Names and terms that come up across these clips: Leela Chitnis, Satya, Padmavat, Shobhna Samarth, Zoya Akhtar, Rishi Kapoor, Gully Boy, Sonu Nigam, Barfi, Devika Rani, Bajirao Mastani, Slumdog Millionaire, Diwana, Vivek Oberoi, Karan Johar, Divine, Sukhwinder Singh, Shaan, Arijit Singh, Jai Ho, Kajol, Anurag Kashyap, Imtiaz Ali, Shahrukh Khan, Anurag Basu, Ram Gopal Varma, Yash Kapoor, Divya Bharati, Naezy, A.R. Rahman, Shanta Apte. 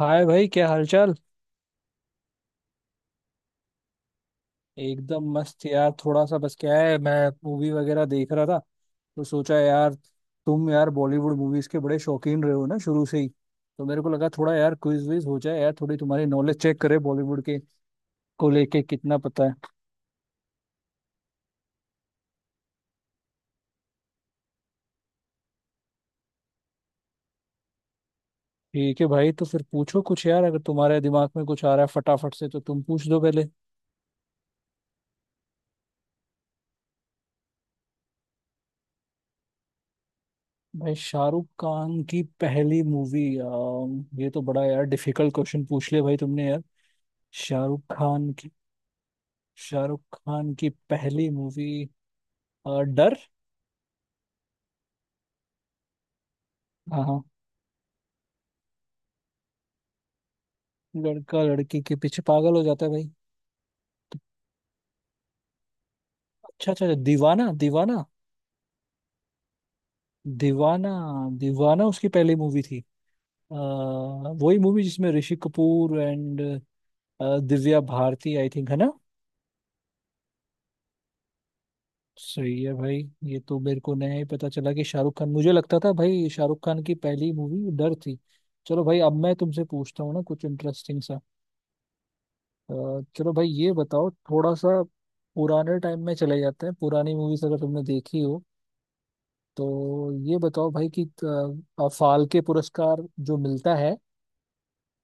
हाय भाई, क्या हालचाल। एकदम मस्त यार। थोड़ा सा बस क्या है, मैं मूवी वगैरह देख रहा था, तो सोचा यार, तुम यार बॉलीवुड मूवीज के बड़े शौकीन रहे हो ना शुरू से ही, तो मेरे को लगा थोड़ा यार क्विज विज हो जाए यार, थोड़ी तुम्हारी नॉलेज चेक करे बॉलीवुड के को लेके कितना पता है। ठीक है भाई, तो फिर पूछो कुछ यार, अगर तुम्हारे दिमाग में कुछ आ रहा है फटाफट से तो तुम पूछ दो पहले। भाई शाहरुख खान की पहली मूवी, ये तो बड़ा यार डिफिकल्ट क्वेश्चन पूछ लिया भाई तुमने यार। शाहरुख खान की, शाहरुख खान की पहली मूवी डर। हाँ हाँ, लड़का लड़की के पीछे पागल हो जाता है भाई। अच्छा अच्छा अच्छा, दीवाना दीवाना। दीवाना, दीवाना उसकी पहली मूवी थी। वही मूवी जिसमें Rishi Kapoor and Divya Bharti, I think, है ना। सही है भाई। ये तो मेरे को नया ही पता चला कि शाहरुख खान, मुझे लगता था भाई शाहरुख खान की पहली मूवी डर थी। चलो भाई, अब मैं तुमसे पूछता हूँ ना कुछ इंटरेस्टिंग सा। अ, चलो भाई ये बताओ थोड़ा सा, पुराने टाइम में चले जाते हैं, पुरानी मूवीज अगर तुमने देखी हो, तो ये बताओ भाई कि फाल्के पुरस्कार जो मिलता है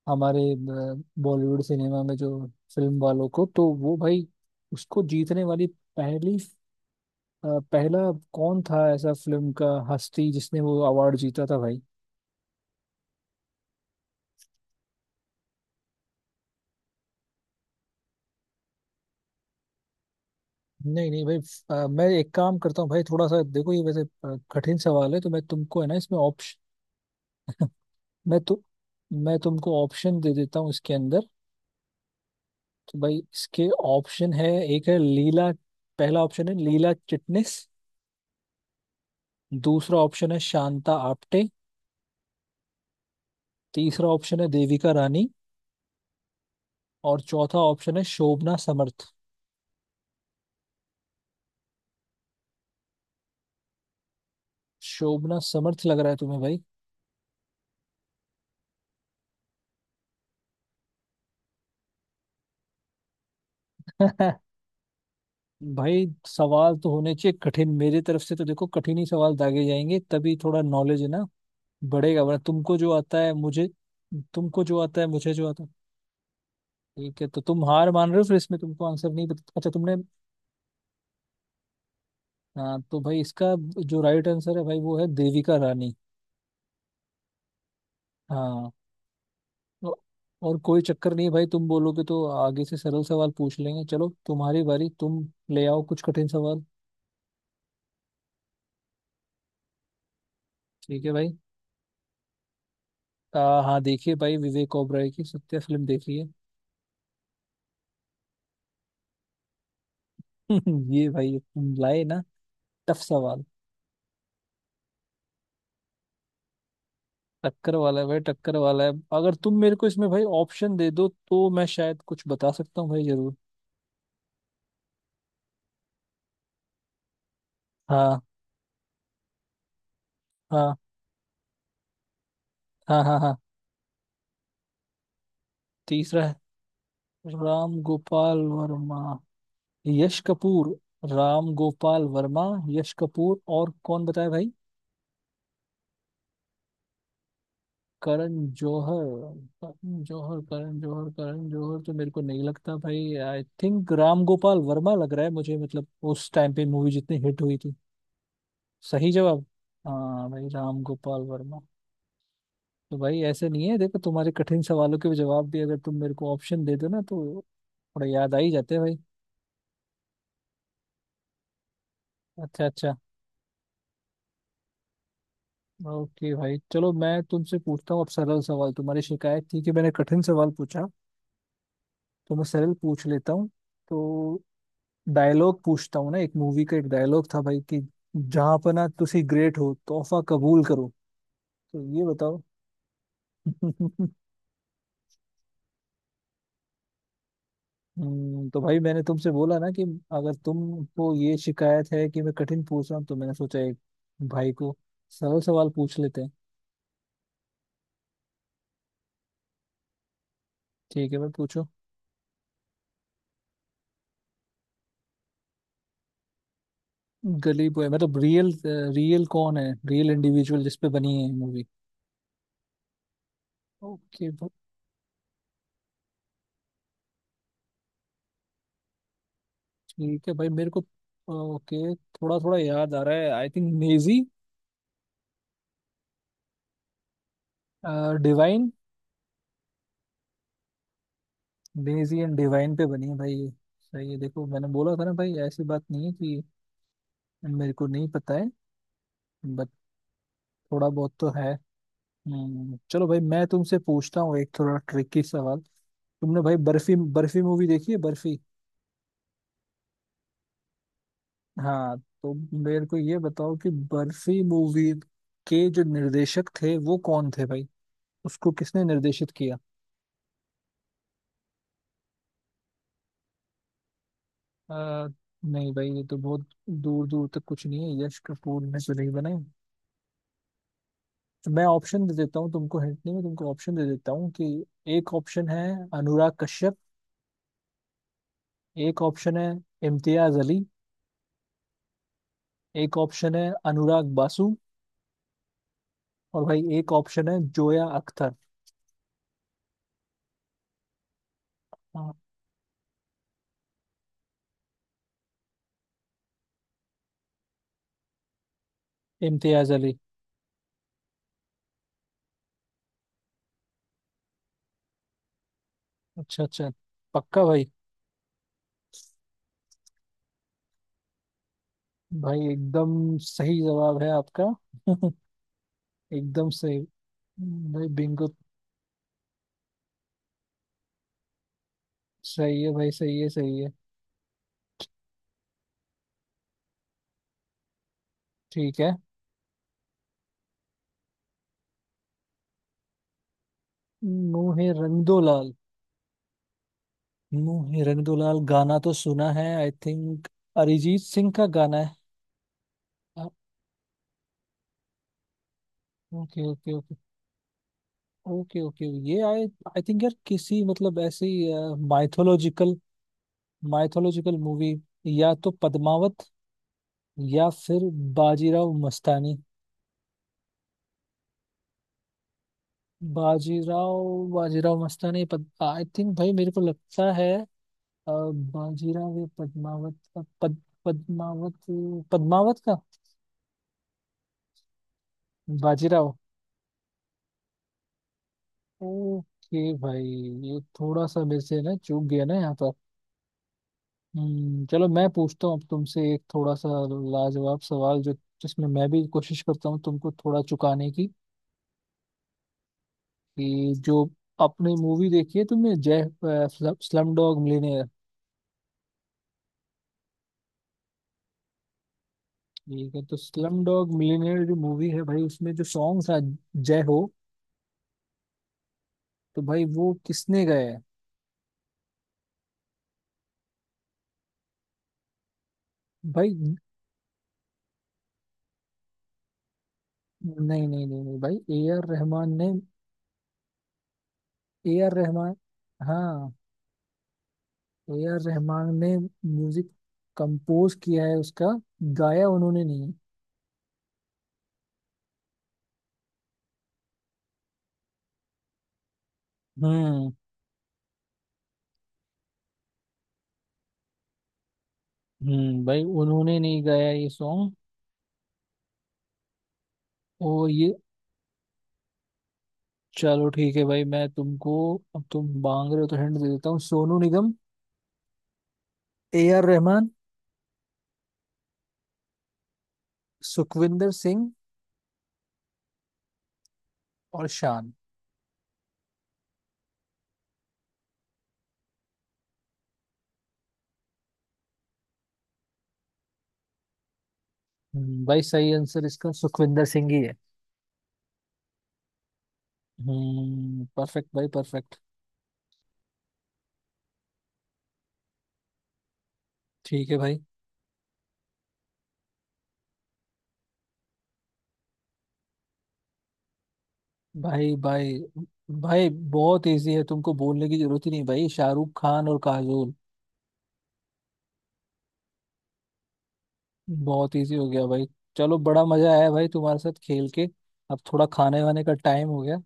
हमारे बॉलीवुड सिनेमा में, जो फिल्म वालों को, तो वो भाई उसको जीतने वाली पहली, पहला कौन था ऐसा फिल्म का हस्ती जिसने वो अवार्ड जीता था भाई। नहीं नहीं भाई, मैं एक काम करता हूँ भाई, थोड़ा सा देखो ये वैसे कठिन सवाल है, तो मैं तुमको है ना इसमें, मैं तो मैं तुमको ऑप्शन दे देता हूँ इसके अंदर। तो भाई इसके ऑप्शन है, एक है लीला, पहला ऑप्शन है लीला चिटनिस, दूसरा ऑप्शन है शांता आप्टे, तीसरा ऑप्शन है देविका रानी, और चौथा ऑप्शन है शोभना समर्थ। शोभना समर्थ लग रहा है तुम्हें भाई। भाई सवाल तो होने चाहिए कठिन, मेरी तरफ से तो देखो कठिन ही सवाल दागे जाएंगे, तभी थोड़ा नॉलेज है ना बढ़ेगा, वरना तुमको जो आता है, मुझे जो आता है। ठीक है, तो तुम हार मान रहे हो फिर इसमें, तुमको आंसर नहीं पता, अच्छा तुमने। हाँ, तो भाई इसका जो राइट आंसर है भाई वो है देविका रानी। हाँ। तो- और कोई चक्कर नहीं भाई, तुम बोलोगे तो आगे से सरल सवाल पूछ लेंगे। चलो तुम्हारी बारी, तुम ले आओ कुछ कठिन सवाल। ठीक है भाई। हाँ देखिए भाई, विवेक ओबराय की सत्या फिल्म देखिए। ये भाई तुम लाए ना टफ सवाल। टक्कर वाला है भाई, टक्कर वाला है, अगर तुम मेरे को इसमें भाई ऑप्शन दे दो तो मैं शायद कुछ बता सकता हूँ भाई जरूर। हाँ। हाँ हाँ हाँ। हाँ। तीसरा है राम गोपाल वर्मा। यश कपूर, राम गोपाल वर्मा, यश कपूर और कौन बताया भाई। करण जौहर। करण जौहर, करण जौहर, करण जौहर तो मेरे को नहीं लगता भाई, आई थिंक राम गोपाल वर्मा लग रहा है मुझे, मतलब उस टाइम पे मूवी जितनी हिट हुई थी। सही जवाब। हाँ भाई, राम गोपाल वर्मा। तो भाई ऐसे नहीं है देखो, तुम्हारे कठिन सवालों के जवाब भी अगर तुम मेरे को ऑप्शन दे दो ना, तो थोड़ा याद आ ही जाते हैं भाई। अच्छा अच्छा। ओके भाई, चलो मैं तुमसे पूछता हूँ अब सरल सवाल, तुम्हारी शिकायत थी कि मैंने कठिन सवाल पूछा, तो मैं सरल पूछ लेता हूँ। तो डायलॉग पूछता हूँ ना, एक मूवी का एक डायलॉग था भाई कि जहाँ पना तुसी ग्रेट हो तोहफा कबूल करो, तो ये बताओ। तो भाई मैंने तुमसे बोला ना कि अगर तुमको ये शिकायत है कि मैं कठिन पूछ रहा हूँ, तो मैंने सोचा एक भाई को सरल सवाल पूछ लेते हैं। ठीक है भाई पूछो। गली बॉय मतलब रियल, रियल कौन है, रियल इंडिविजुअल जिसपे बनी है मूवी। ओके भाई। ठीक है भाई, मेरे को, ओके थोड़ा थोड़ा याद आ रहा है, I think Naezy. Divine. Naezy and Divine पे बनी है भाई ये। सही है, देखो मैंने बोला था ना भाई, ऐसी बात नहीं है कि मेरे को नहीं पता है, बट थोड़ा बहुत तो है। चलो भाई मैं तुमसे पूछता हूँ एक थोड़ा ट्रिकी सवाल। तुमने भाई बर्फी, बर्फी मूवी देखी है, बर्फी। हाँ। तो मेरे को ये बताओ कि बर्फी मूवी के जो निर्देशक थे वो कौन थे भाई, उसको किसने निर्देशित किया। अ, नहीं भाई ये तो बहुत दूर दूर तक कुछ नहीं है, यश कपूर ने तो नहीं बनाई। तो मैं ऑप्शन दे देता हूँ तुमको, हिंट नहीं मैं तुमको ऑप्शन दे देता हूँ कि एक ऑप्शन है अनुराग कश्यप, एक ऑप्शन है इम्तियाज अली, एक ऑप्शन है अनुराग बासु, और भाई एक ऑप्शन है जोया अख्तर। हाँ, इम्तियाज अली। अच्छा अच्छा, पक्का भाई। भाई एकदम सही जवाब है आपका, एकदम सही। भाई बिंगो। सही है भाई, सही है, सही है। ठीक है। मुँह है रंगदो लाल। रंग दुलाल गाना तो सुना है, आई थिंक अरिजीत सिंह का गाना है। Okay okay okay. Okay okay, ये आई, आई थिंक यार किसी मतलब ऐसी माइथोलॉजिकल, माइथोलॉजिकल मूवी, या तो पद्मावत या फिर बाजीराव मस्तानी। बाजीराव, बाजीराव मस्तानी पद, आई थिंक भाई मेरे को लगता है, अ, बाजीराव या पद्मावत, पद्मावत का। बाजीराव, ओके भाई, ये थोड़ा सा मेरे से ना चूक गया ना यहाँ पर। हम्म, चलो मैं पूछता हूँ अब तुमसे एक थोड़ा सा लाजवाब सवाल, जो जिसमें मैं भी कोशिश करता हूँ तुमको थोड़ा चुकाने की, कि जो अपनी मूवी देखी है तुमने जय, स्लम डॉग मिलियनेयर। ठीक है, तो स्लम डॉग मिलियनेयर जो मूवी है भाई, उसमें जो सॉन्ग था जय हो, तो भाई वो किसने गाया है। भाई। नहीं नहीं भाई ए आर रहमान ने। ए आर रहमान। हाँ। ए आर रहमान ने म्यूजिक कंपोज किया है उसका, गाया उन्होंने नहीं है। हम्म हम्म, भाई उन्होंने नहीं गाया ये सॉन्ग और ये, चलो ठीक है भाई, मैं तुमको, अब तुम मांग रहे हो तो हिंट दे देता हूँ। सोनू निगम, ए आर रहमान, सुखविंदर सिंह, और शान। भाई सही आंसर इसका सुखविंदर सिंह ही है। हम्म, परफेक्ट भाई परफेक्ट। ठीक है भाई। भाई भाई भाई बहुत इजी है, तुमको बोलने की जरूरत ही नहीं भाई, शाहरुख खान और काजोल। बहुत इजी हो गया भाई। चलो बड़ा मजा आया भाई तुम्हारे साथ खेल के, अब थोड़ा खाने वाने का टाइम हो गया।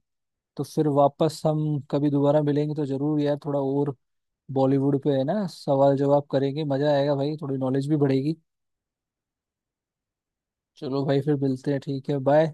तो फिर वापस हम कभी दोबारा मिलेंगे तो जरूर यार, थोड़ा और बॉलीवुड पे है ना सवाल जवाब करेंगे, मजा आएगा भाई, थोड़ी नॉलेज भी बढ़ेगी। चलो भाई फिर मिलते हैं ठीक है, बाय।